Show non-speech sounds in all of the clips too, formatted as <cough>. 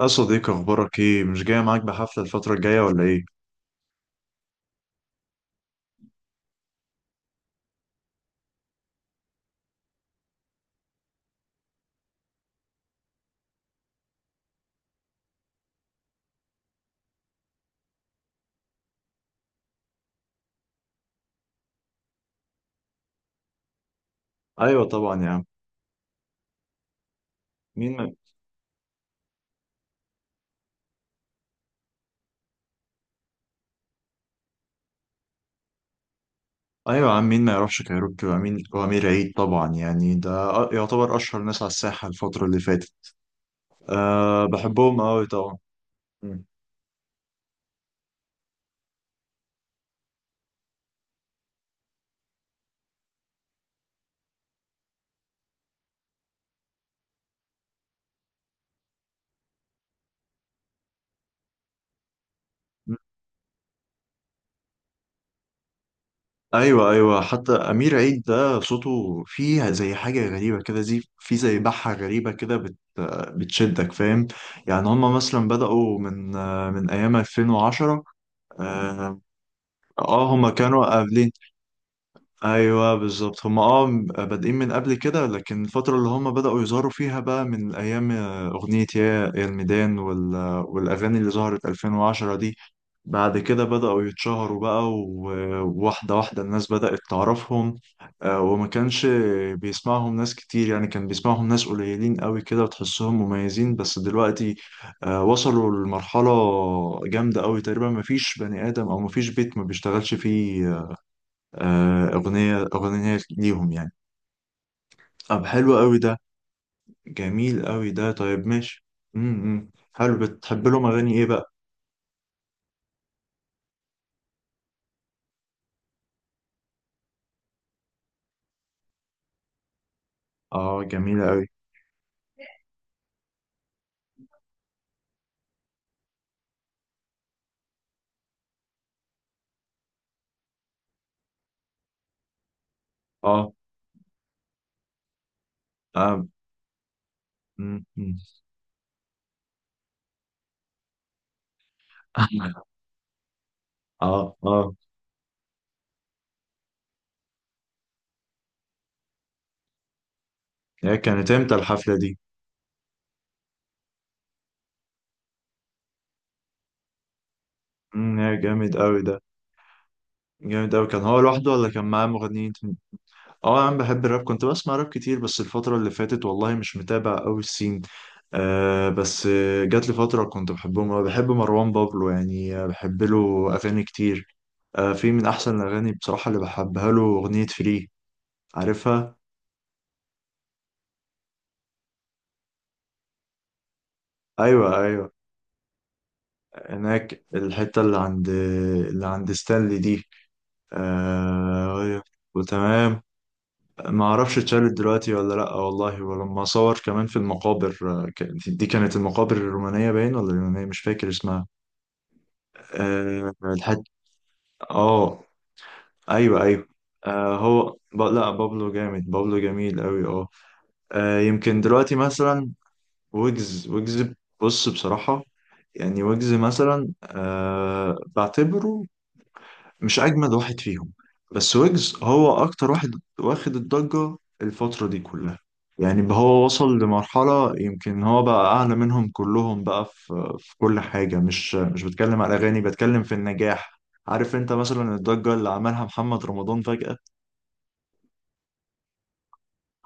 يا صديقي، اخبارك ايه؟ مش جاي معاك بحفله الفتره الجايه ولا ايه؟ ايوه طبعا يا عم. مين ما... ايوه يا عم، مين ما يعرفش كايروكي وامين وامير عيد؟ طبعا يعني ده يعتبر اشهر ناس على الساحه الفتره اللي فاتت. أه، بحبهم قوي طبعا. مم. ايوه، ايوه، حتى امير عيد ده صوته فيه زي حاجه غريبه كده، زي بحه غريبه كده، بتشدك، فاهم؟ يعني هم مثلا بدأوا من ايام 2010. اه. هم كانوا قابلين. ايوه بالظبط، هم اه بادئين من قبل كده، لكن الفتره اللي هم بداوا يظهروا فيها بقى من ايام اغنيه يا الميدان والاغاني اللي ظهرت 2010 دي. بعد كده بداوا يتشهروا بقى و- وواحده واحده الناس بدات تعرفهم. وما كانش بيسمعهم ناس كتير، يعني كان بيسمعهم ناس قليلين قوي كده وتحسهم مميزين، بس دلوقتي وصلوا لمرحله جامده قوي، تقريبا ما فيش بني ادم او ما فيش بيت ما بيشتغلش فيه أغنية ليهم يعني. طب حلو قوي ده، جميل قوي ده، طيب ماشي. حلو، بتحب لهم أغاني إيه بقى؟ آه، جميلة قوي. آه، آه. مم، مم. <laughs> آه، آه. هي كانت إمتى الحفلة دي؟ يا جامد قوي ده. جامد قوي، كان هو لوحده ولا كان معاه مغنيين تاني؟ آه، أنا بحب الراب، كنت بسمع راب كتير، بس الفترة اللي فاتت والله مش متابع قوي السين. آه بس جات لي فترة كنت بحبهم أوي. بحب مروان بابلو يعني، بحب له أغاني كتير. في من احسن الاغاني بصراحه اللي بحبها له اغنيه فري، عارفها؟ ايوه، ايوه، هناك الحته اللي عند ستانلي دي. آه. وتمام. ما اعرفش اتشالت دلوقتي ولا لا والله. ولما صور كمان في المقابر دي كانت المقابر الرومانيه باين ولا اليونانيه، مش فاكر اسمها. آه، الحته. اه. ايوه، ايوه. آه لا بابلو جامد، بابلو جميل قوي، اه. يمكن دلوقتي مثلا ويجز. ويجز، بص بصراحة، يعني ويجز مثلا بعتبره مش أجمد واحد فيهم، بس ويجز هو أكتر واحد واخد الضجة الفترة دي كلها. يعني بقى هو وصل لمرحلة يمكن هو بقى أعلى منهم كلهم بقى في كل حاجة، مش بتكلم على الأغاني، بتكلم في النجاح. عارف أنت مثلا الضجة اللي عملها محمد رمضان فجأة؟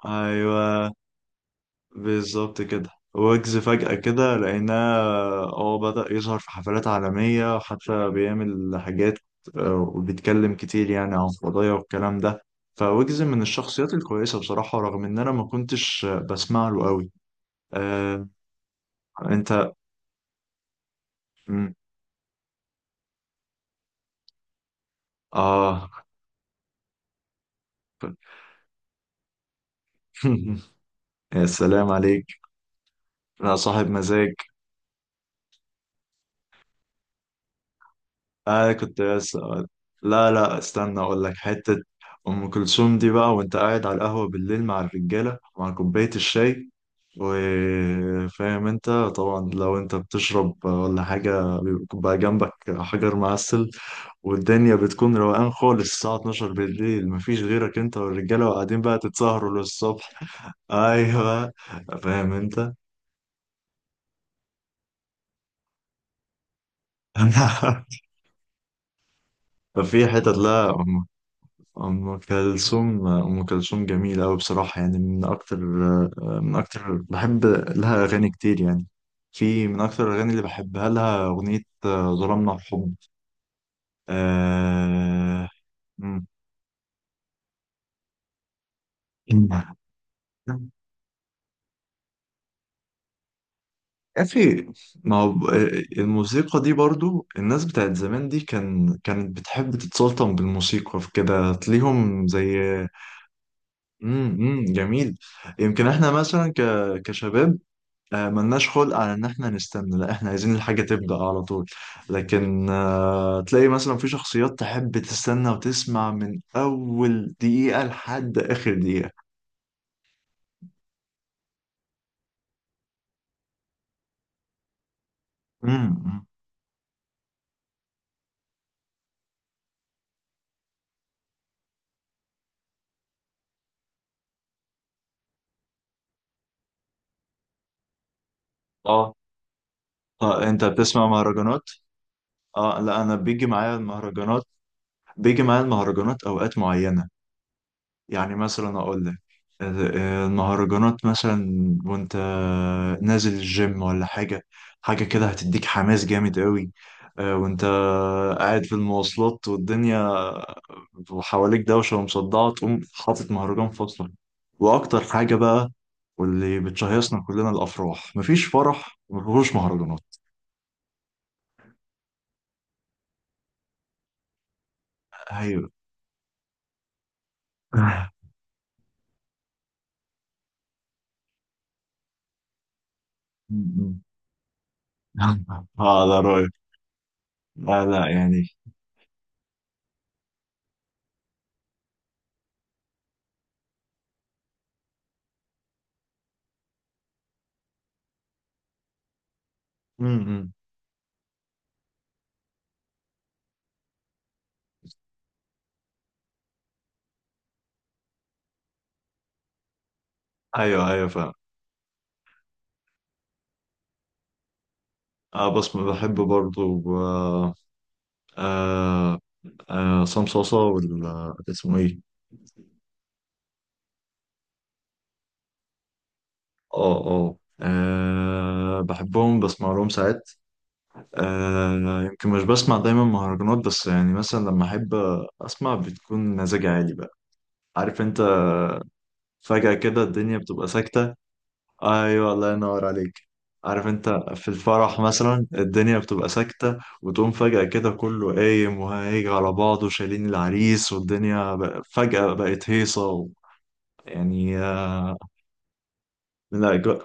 أيوه بالظبط كده، ويجز فجأة كده لقيناه، اه بدأ يظهر في حفلات عالمية وحتى بيعمل حاجات، وبيتكلم كتير يعني عن قضايا والكلام ده. فويجز من الشخصيات الكويسة بصراحة، رغم إن أنا ما كنتش بسمع له قوي. آه. أنت. مم، آه. <laughs> يا سلام عليك. أنا صاحب مزاج. آه، كنت بس. لا، لا، استنى أقول لك حتة. أم كلثوم دي بقى، وأنت قاعد على القهوة بالليل مع الرجالة، مع كوباية الشاي، وفاهم انت طبعا لو انت بتشرب ولا حاجة، بيبقى جنبك حجر معسل، والدنيا بتكون روقان خالص الساعة 12 بالليل، مفيش غيرك انت والرجالة، وقاعدين بقى تتسهروا للصبح. <laughs> ايوه، فاهم انت. <laughs> ففي حتت، لا، أم كلثوم. أم كلثوم جميلة أوي بصراحة، يعني من أكتر بحب لها أغاني كتير يعني. في من أكتر الأغاني اللي بحبها لها أغنية ظلمنا الحب. آه... مم. يا أخي، ما هو ب- الموسيقى دي برضو، الناس بتاعت زمان دي كانت بتحب تتسلطن بالموسيقى في كده تليهم زي. جميل. يمكن احنا مثلا كشباب، ملناش خلق على ان احنا نستنى، لا احنا عايزين الحاجة تبدأ على طول، لكن تلاقي مثلا في شخصيات تحب تستنى وتسمع من اول دقيقة لحد اخر دقيقة. امم. اه، اه، انت بتسمع مهرجانات؟ اه، لا، انا بيجي معايا المهرجانات، بيجي معايا المهرجانات اوقات معينة. يعني مثلا اقول لك المهرجانات مثلا، وانت نازل الجيم ولا حاجة، حاجة كده هتديك حماس جامد قوي. وانت قاعد في المواصلات والدنيا وحواليك دوشة ومصدعة، تقوم حاطط مهرجان فصل. واكتر حاجة بقى واللي بتشهيصنا كلنا الافراح، مفيش فرح مفيهوش مهرجانات. ايوه. <laughs> <laughs> اه ده رأيي. لا، لا، يعني. امم. ايوه، ايوه، فاهم. اه بس بحب برضو، آه. آه، آه، عصام صاصا ولا اسمه ايه؟ اه، اه، بحبهم، بسمع لهم ساعات. يمكن مش بسمع دايما مهرجانات، بس يعني مثلا لما احب اسمع بتكون مزاجي عالي بقى، عارف انت؟ فجأة كده الدنيا بتبقى ساكتة. ايوه، الله ينور عليك. عارف انت، في الفرح مثلا الدنيا بتبقى ساكتة، وتقوم فجأة كده كله قايم وهيجي على بعضه شايلين العريس، والدنيا فجأة بقت هيصة يعني لا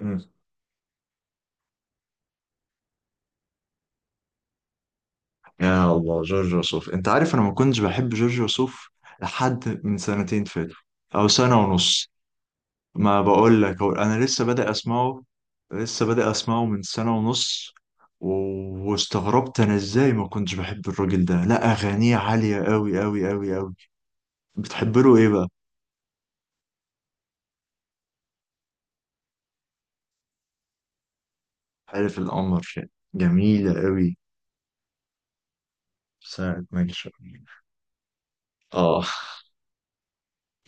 مم. يا الله، جورج وسوف. انت عارف انا ما كنتش بحب جورج وسوف لحد من سنتين فاتوا او سنة ونص. ما بقول لك، هو انا لسه بادئ اسمعه، لسه بادئ اسمعه من سنة ونص. و- واستغربت انا ازاي ما كنتش بحب الراجل ده، لا اغانيه عالية قوي قوي قوي قوي. بتحب له ايه بقى؟ حلف القمر. جميلة قوي. ساعة ما يشاء. اه.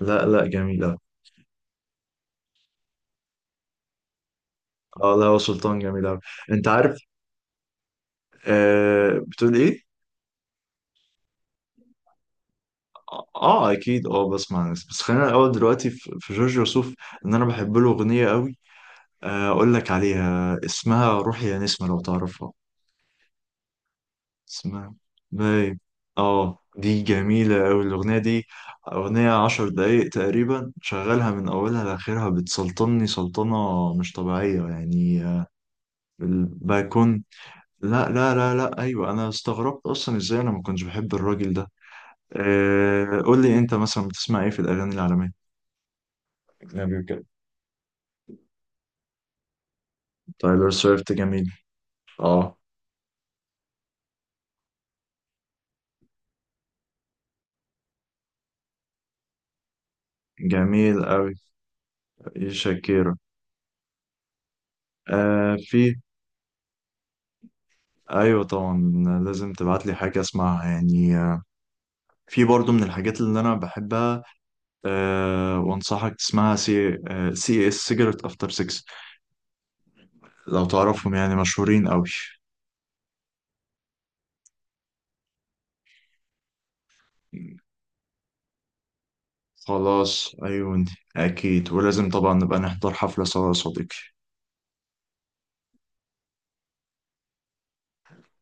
لا، لا، جميلة. اه، لا هو سلطان جميل أوي. انت عارف. آه، بتقول ايه؟ اه اكيد، بسمع ناس، بس خلينا الاول دلوقتي في جورج وسوف، ان انا بحب له اغنية قوي. اقول لك عليها، اسمها روحي يا نسمة، لو تعرفها. اسمها باي. اه دي جميلة أوي الأغنية دي، أغنية عشر دقايق تقريبا، شغالها من أولها لآخرها، بتسلطني سلطنة مش طبيعية يعني. الباكون. لا، لا، لا، لا، أيوة أنا استغربت أصلا إزاي أنا ما كنتش بحب الراجل ده. أه، قول لي أنت مثلا بتسمع إيه في الأغاني العالمية؟ أجنبي وكده. تايلر سويفت جميل. اه، جميل أوي. إيه، شاكيرا. أه، في. أيوة طبعا، لازم تبعت لي حاجة أسمعها يعني. في برضه من الحاجات اللي انا بحبها، أه، وانصحك تسمعها، سي اس سيجرت افتر 6، لو تعرفهم، يعني مشهورين قوي. خلاص ايوه. اكيد، ولازم طبعا نبقى نحضر حفلة سوا يا صديقي.